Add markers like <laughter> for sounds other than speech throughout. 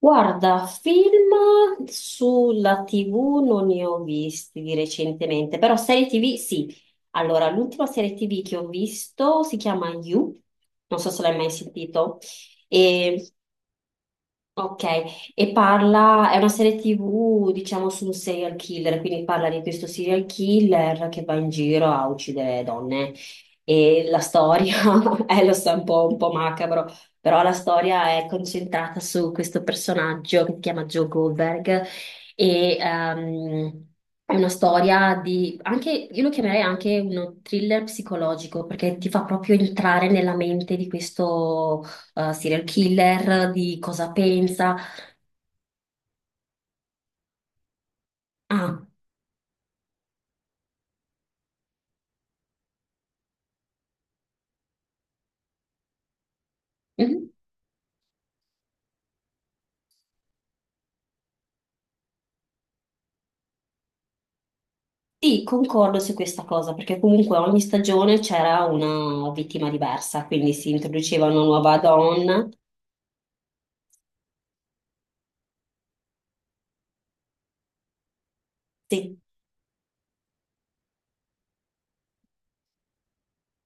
Guarda, film sulla TV non ne ho visti di recentemente, però serie TV sì. Allora, l'ultima serie TV che ho visto si chiama You, non so se l'hai mai sentito. Ok, e parla, è una serie TV, diciamo, su un serial killer, quindi parla di questo serial killer che va in giro a uccidere donne. E la storia, <laughs> lo so, è un po' macabro, però la storia è concentrata su questo personaggio che si chiama Joe Goldberg e è una storia di, anche, io lo chiamerei anche uno thriller psicologico perché ti fa proprio entrare nella mente di questo serial killer, di cosa pensa. Ah, mhm. Sì, concordo su questa cosa, perché comunque ogni stagione c'era una vittima diversa, quindi si introduceva una nuova donna. Sì.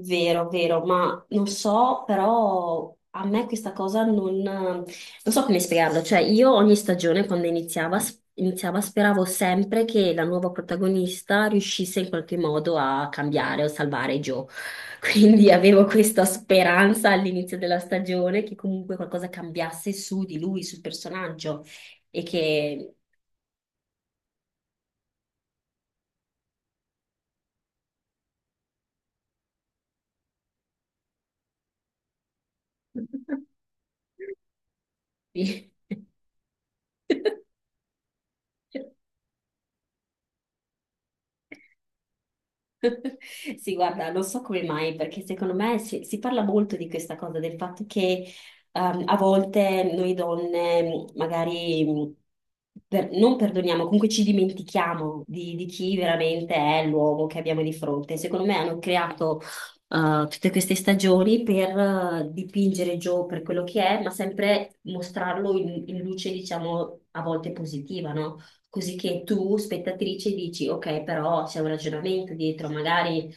Vero, vero, ma non so, però a me questa cosa non so come spiegarlo. Cioè, io ogni stagione, quando iniziava, iniziava, speravo sempre che la nuova protagonista riuscisse in qualche modo a cambiare o salvare Joe. <laughs> Quindi avevo questa speranza all'inizio della stagione che comunque qualcosa cambiasse su di lui, sul personaggio, e che <laughs> Sì. <laughs> Sì, guarda, non so come mai, perché secondo me si parla molto di questa cosa, del fatto che a volte noi donne magari non perdoniamo, comunque ci dimentichiamo di chi veramente è l'uomo che abbiamo di fronte. Secondo me hanno creato tutte queste stagioni per dipingere Joe per quello che è, ma sempre mostrarlo in luce, diciamo, a volte positiva, no? Così che tu, spettatrice, dici, ok, però c'è un ragionamento dietro, magari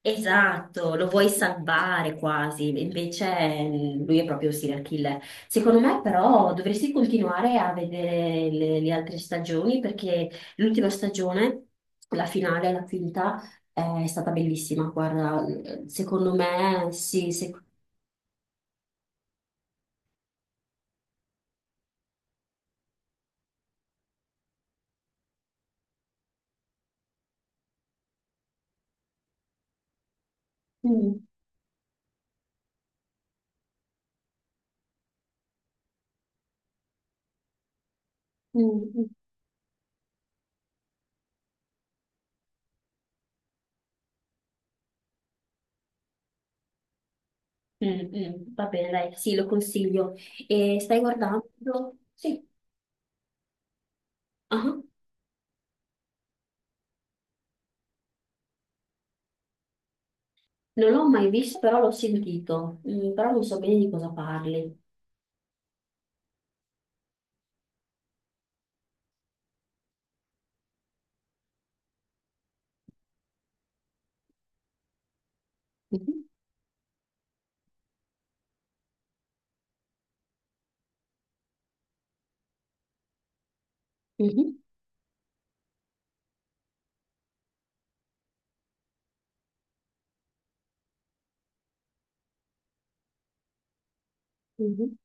esatto, lo vuoi salvare quasi, invece lui è proprio un serial killer. Secondo me, però, dovresti continuare a vedere le altre stagioni perché l'ultima stagione, la finale, la quinta, è stata bellissima. Guarda, secondo me, sì, mm, mm, mm, mm, mm, va bene, dai, sì, lo consiglio. E stai guardando? Sì. Ah. Non l'ho mai visto, però l'ho sentito. Mm, però non so bene di cosa parli. Mhm, mhm, mhm,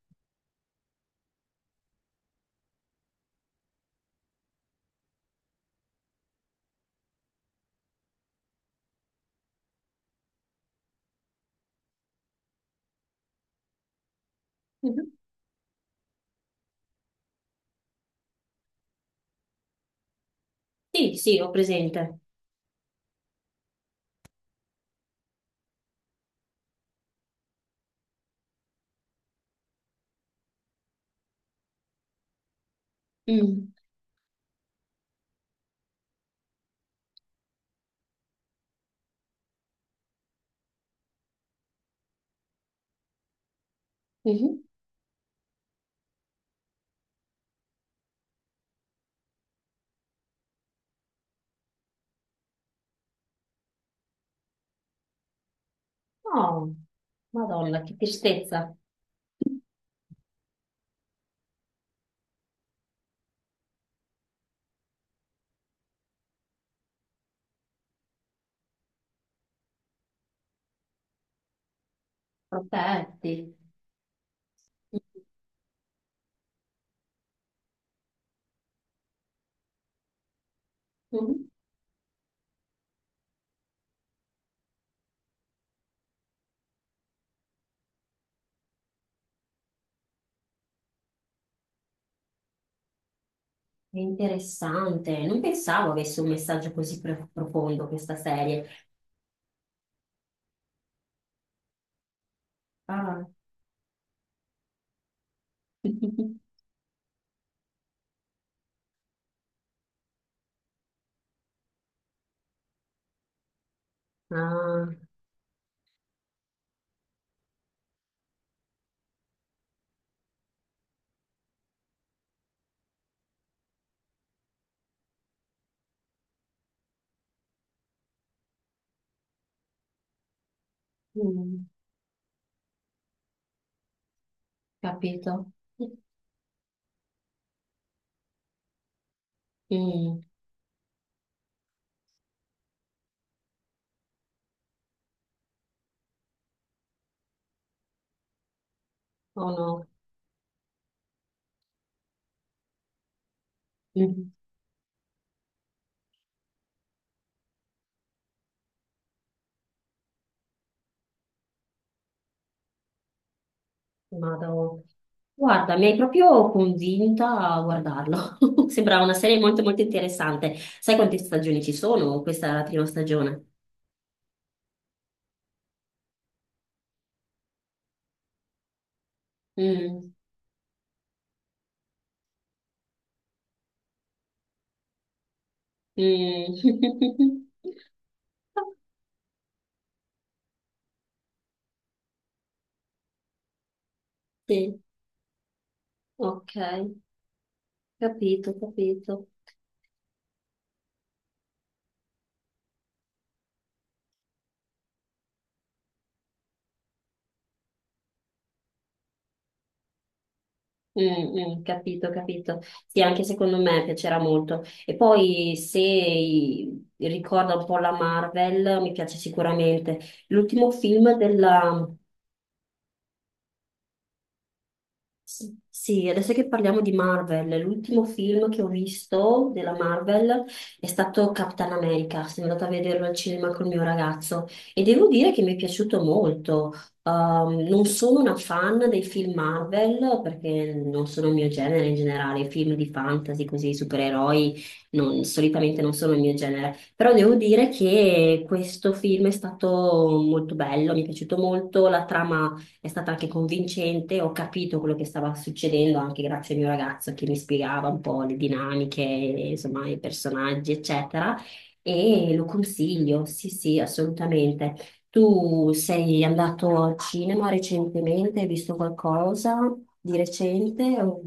mhm. Sì, sì, ho presente. Mm, mhm. Oh, Madonna, che tristezza. Protetti. Mhm. È interessante. Non pensavo avesse un messaggio così profondo questa serie. Ah, <laughs> Ah, mm, capito. Mm, Oh no. Mm. Vado. Guarda, mi hai proprio convinta a guardarlo. <laughs> Sembrava una serie molto interessante. Sai quante stagioni ci sono? Questa è la prima stagione. Mm. Mm. <laughs> Sì, ok, capito, capito. Mm, mm, capito, capito. Sì, anche secondo me piacerà molto. E poi se ricorda un po' la Marvel, mi piace sicuramente. L'ultimo film della sì, sì, adesso che parliamo di Marvel, l'ultimo film che ho visto della Marvel è stato Capitan America. Sono andata a vederlo al cinema col mio ragazzo e devo dire che mi è piaciuto molto. Non sono una fan dei film Marvel perché non sono il mio genere in generale, i film di fantasy, così, supereroi, solitamente non sono il mio genere. Però devo dire che questo film è stato molto bello, mi è piaciuto molto, la trama è stata anche convincente, ho capito quello che stava succedendo anche grazie al mio ragazzo che mi spiegava un po' le dinamiche, insomma, i personaggi, eccetera. E lo consiglio, sì, sì, assolutamente. Tu sei andato al cinema recentemente? Hai visto qualcosa di recente? O-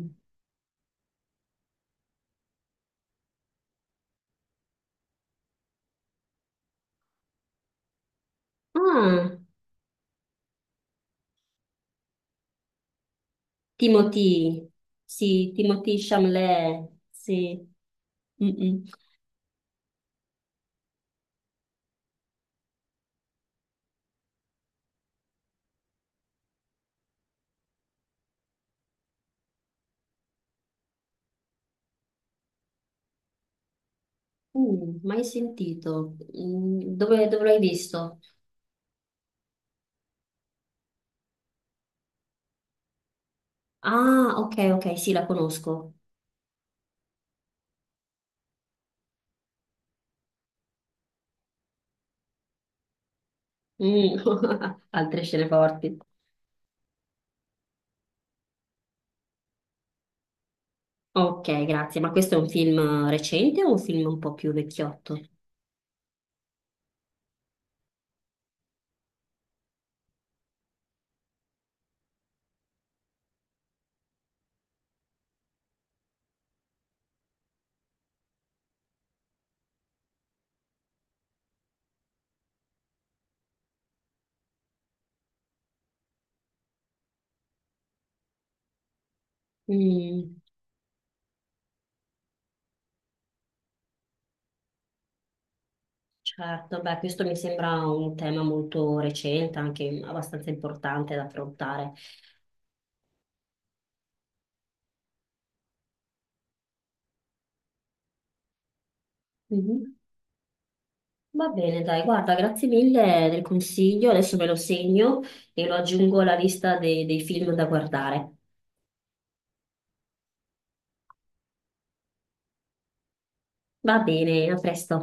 Ah, Timothy, sì, Timothy Chalamet, sì. Mm, mm. Mm, mai sentito. Mm, dove, dove l'hai visto? Ah, ok, ok, sì, la conosco. Mm, <laughs> altre scene forti. Ok, grazie. Ma questo è un film recente o un film un po' più vecchiotto? Mm, certo, beh, questo mi sembra un tema molto recente, anche abbastanza importante da affrontare. Mhm. Va bene, dai, guarda, grazie mille del consiglio. Adesso me lo segno e lo aggiungo alla lista dei film da guardare. Va bene, a presto.